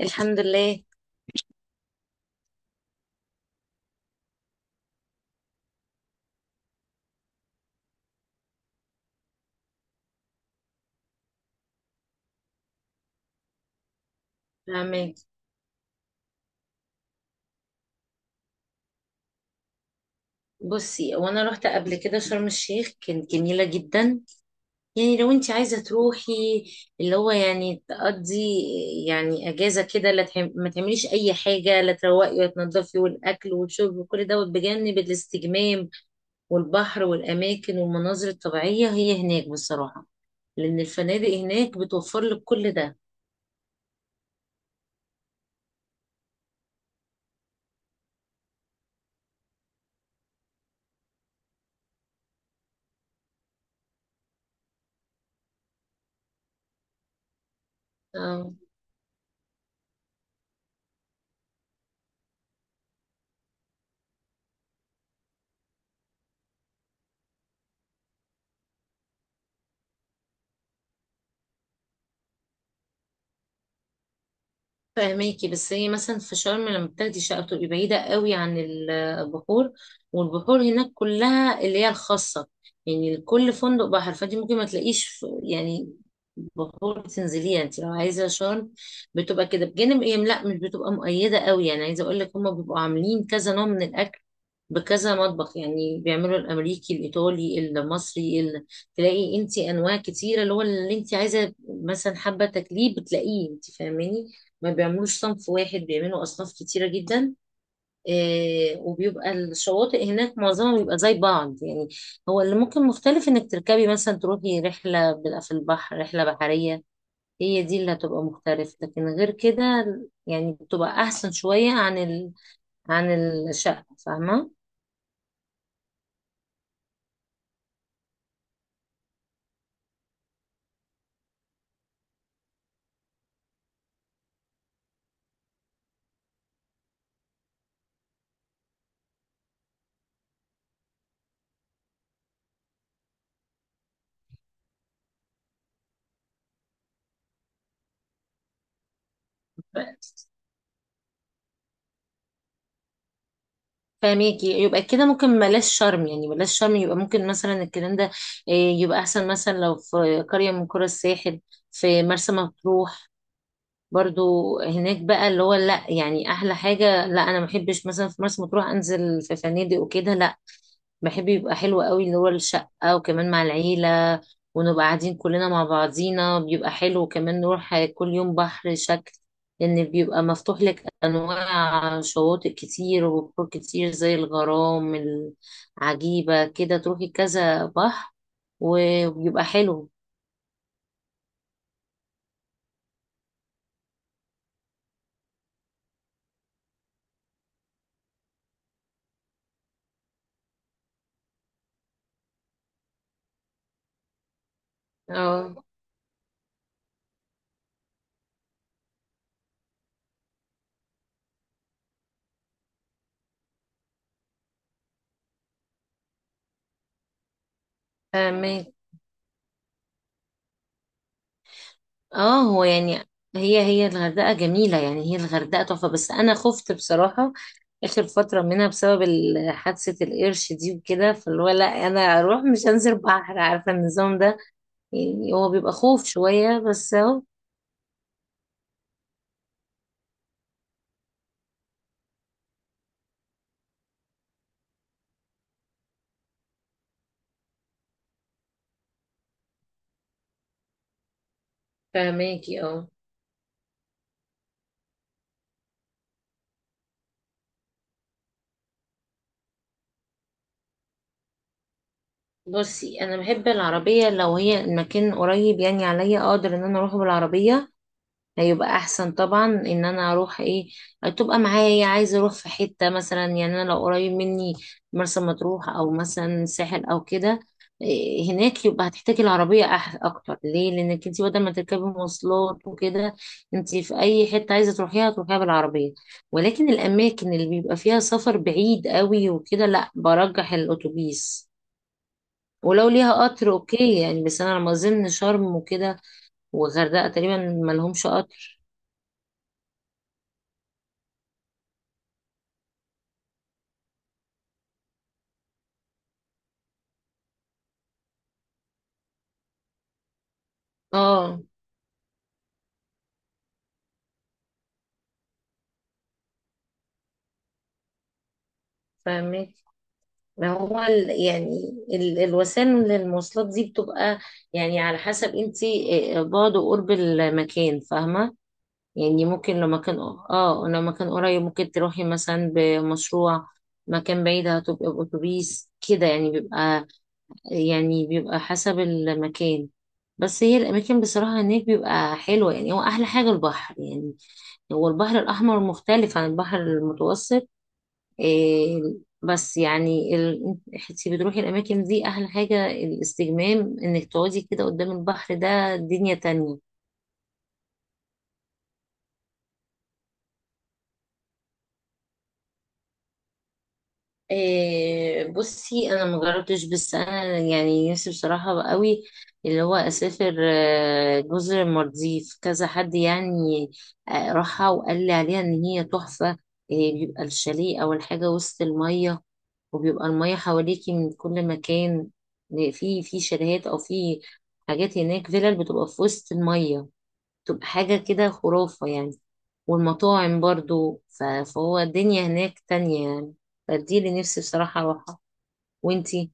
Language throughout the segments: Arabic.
الحمد لله. فهمك. بصي، وانا رحت قبل كده شرم الشيخ كانت جميله جدا. يعني لو انت عايزه تروحي، اللي هو يعني تقضي يعني اجازه كده، لا ما تعمليش اي حاجه، لا تروقي ولا تنضفي، والاكل والشرب وكل دوت بجانب الاستجمام والبحر والاماكن والمناظر الطبيعيه هي هناك بصراحه، لان الفنادق هناك بتوفر لك كل ده. فاهماكي، بس هي مثلا في شرم لما بتاخدي شقة بتبقي بعيدة قوي عن البحور، والبحور هناك كلها اللي هي الخاصة، يعني كل فندق بحر، فانت ممكن ما تلاقيش يعني بحور تنزليها انت لو عايزة شرم. بتبقى كده بجانب ايه، لا مش بتبقى مؤيدة قوي، يعني عايزة اقول لك هما بيبقوا عاملين كذا نوع من الاكل، بكذا مطبخ، يعني بيعملوا الامريكي الايطالي المصري تلاقي انت انواع كتيره، اللي هو اللي انت عايزه مثلا حابه تاكليه بتلاقيه، انت فاهماني، ما بيعملوش صنف واحد، بيعملوا أصناف كتيرة جدا. وبيبقى الشواطئ هناك معظمها بيبقى زي بعض، يعني هو اللي ممكن مختلف إنك تركبي مثلا تروحي رحلة، بيبقى في البحر رحلة بحرية، هي دي اللي هتبقى مختلفة، لكن غير كده يعني بتبقى أحسن شوية عن عن الشقة، فاهمة. ف- فاهميكي، يبقى كده ممكن بلاش شرم، يعني بلاش شرم يبقى ممكن مثلا الكلام ده. يبقى أحسن مثلا لو في قرية من قرى الساحل، في مرسى مطروح برضو هناك بقى، اللي هو لا، يعني احلى حاجه، لا انا ما بحبش مثلا في مرسى مطروح انزل في فنادق وكده، لا، بحب يبقى حلو قوي اللي هو الشقه، وكمان مع العيله، ونبقى قاعدين كلنا مع بعضينا بيبقى حلو، وكمان نروح كل يوم بحر شكل، لان بيبقى مفتوح لك انواع شواطئ كتير وبحور كتير زي الغرام العجيبه كده، تروحي كذا بحر وبيبقى حلو. اه، فاهمك. اه، هو يعني هي الغردقة جميلة، يعني هي الغردقة تحفة، بس أنا خفت بصراحة آخر فترة منها بسبب حادثة القرش دي وكده، فاللي هو لا، أنا أروح مش هنزل بحر، عارفة النظام ده، يعني هو بيبقى خوف شوية، بس أهو. فهماكي. اه، بصي، أنا بحب العربية لو هي المكان قريب يعني عليا، أقدر إن أنا أروح بالعربية، هيبقى احسن طبعا ان انا اروح ايه، تبقى معايا، عايزه اروح في حته مثلا، يعني انا لو قريب مني مرسى مطروح او مثلا ساحل او كده. إيه، هناك يبقى هتحتاجي العربيه اكتر، ليه؟ لانك انت بدل ما تركبي مواصلات وكده، انت في اي حته عايزه تروحيها تروحيها بالعربيه، ولكن الاماكن اللي بيبقى فيها سفر بعيد قوي وكده لا، برجح الاتوبيس، ولو ليها قطر اوكي يعني، بس انا على ما اظن شرم وكده والغردقه تقريبا ما لهمش قطر. اه، فاهمك. ما هو الوسائل للمواصلات دي بتبقى يعني على حسب انت بعد وقرب المكان، فاهمة. يعني ممكن لو مكان، اه لو مكان قريب ممكن تروحي مثلا بمشروع، مكان بعيد هتبقى بأتوبيس كده، يعني بيبقى، يعني بيبقى حسب المكان. بس هي الأماكن بصراحة هناك بيبقى حلوة، يعني هو أحلى حاجة البحر، يعني هو البحر الأحمر مختلف عن البحر المتوسط. إيه، بس يعني انت بتروحي الاماكن دي احلى حاجه الاستجمام، انك تقعدي كده قدام البحر، ده دنيا تانية. إيه، بصي انا مجربتش، بس انا يعني نفسي بصراحه بقى قوي اللي هو اسافر. جزر المالديف، كذا حد يعني راحها وقال لي عليها ان هي تحفه. إيه، بيبقى الشاليه او الحاجه وسط الميه، وبيبقى الميه حواليكي من كل مكان. في شاليهات او في حاجات هناك، فيلل بتبقى في وسط الميه، تبقى حاجة كده خرافة يعني. والمطاعم برضو، فهو الدنيا هناك تانية يعني، فدي اللي نفسي بصراحة أروحها. وانتي؟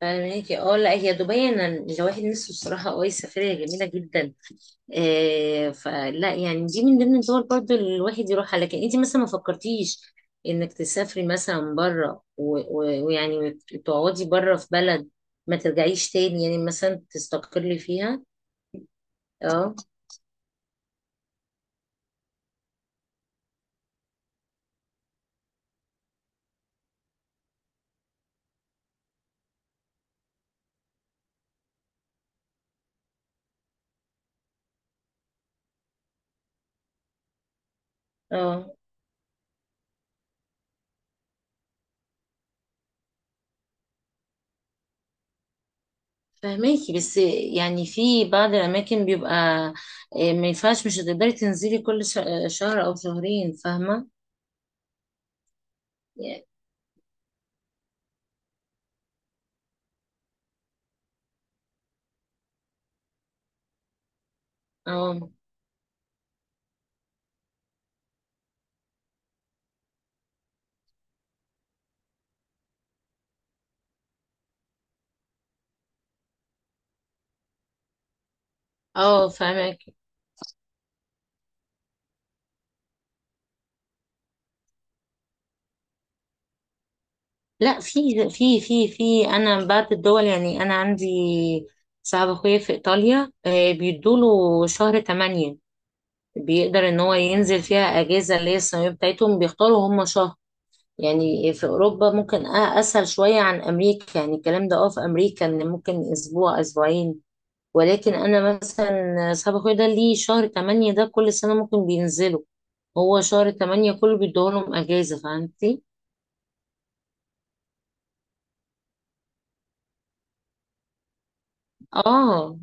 فاهماكي. اه، لا هي دبي انا الواحد نفسه بصراحة، اه هي سفرية جميلة جدا. آه، فلا يعني دي من ضمن الدول برضو اللي الواحد يروحها، لكن انتي مثلا ما فكرتيش انك تسافري مثلا بره ويعني تقعدي بره في بلد، ما ترجعيش تاني، يعني مثلا تستقري فيها. اه. اه، فهماكي، بس يعني في بعض الأماكن بيبقى، ما ينفعش، مش هتقدري تنزلي كل شهر أو شهرين، فاهمة يعني. اه، اه فاهمك. لا، في أنا بعض الدول، يعني أنا عندي صاحب أخويا في إيطاليا، بيدوله شهر 8، بيقدر إن هو ينزل فيها أجازة اللي هي السنوية بتاعتهم، بيختاروا هم شهر. يعني في أوروبا ممكن أسهل شوية عن أمريكا يعني الكلام ده، اه في أمريكا إن ممكن أسبوع أسبوعين، ولكن انا مثلا صاحب اخويا ده ليه شهر 8 ده كل سنة ممكن بينزلوا، هو شهر 8 كله بيدولهم اجازة، فهمتي؟ اه،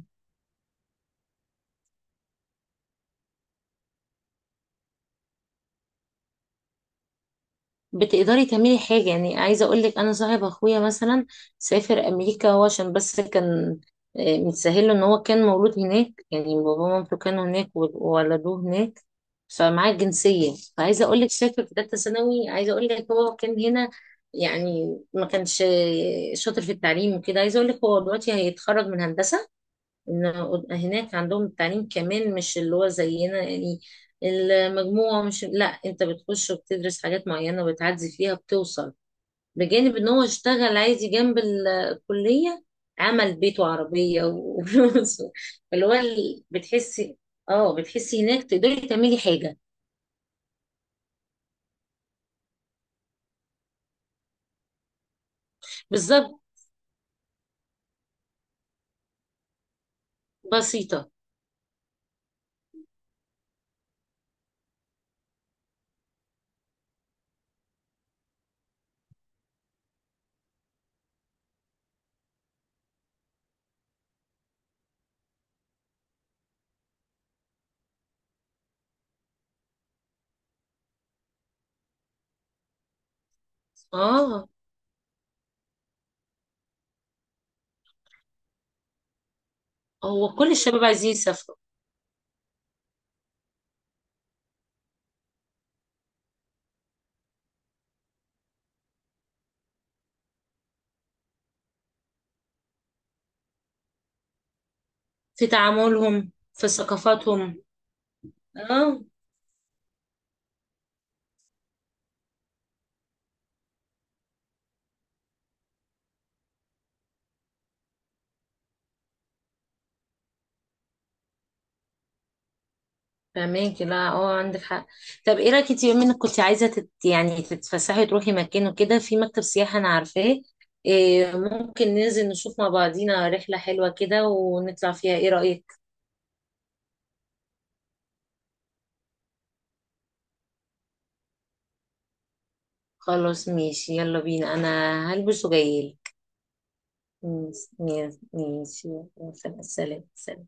بتقدري تعملي حاجة، يعني عايزة أقولك أنا صاحب أخويا مثلا سافر أمريكا، هو عشان بس كان متسهل له إن هو كان مولود هناك، يعني بابا ومامته كانوا هناك وولدوه هناك، فمعاه الجنسية، فعايزة أقولك سافر في تالتة ثانوي، عايزة أقولك هو كان هنا يعني ما كانش شاطر في التعليم وكده، عايزة أقولك هو دلوقتي هيتخرج من هندسة. إن هناك عندهم التعليم كمان مش اللي هو زينا يعني، المجموعة مش، لا أنت بتخش وبتدرس حاجات معينة وبتعدي فيها بتوصل، بجانب إن هو اشتغل عادي جنب الكلية، عمل بيت وعربية وفلوس، اللي هو بتحسي، اه بتحسي هناك تقدري تعملي حاجة. بالظبط. بسيطة. اه، هو كل الشباب عايزين يسافروا. في تعاملهم، في ثقافاتهم. اه، فهماكي. لا اه، عندك حق. طب ايه رايك انت، بما انك كنت عايزه تت يعني تتفسحي وتروحي مكان وكده، في مكتب سياحه انا عارفاه، إيه ممكن ننزل نشوف مع بعضينا رحله حلوه كده ونطلع فيها، ايه رايك؟ خلاص ماشي، يلا بينا، انا هلبس وجايلك. ماشي. ماشي، يلا، سلام سلام.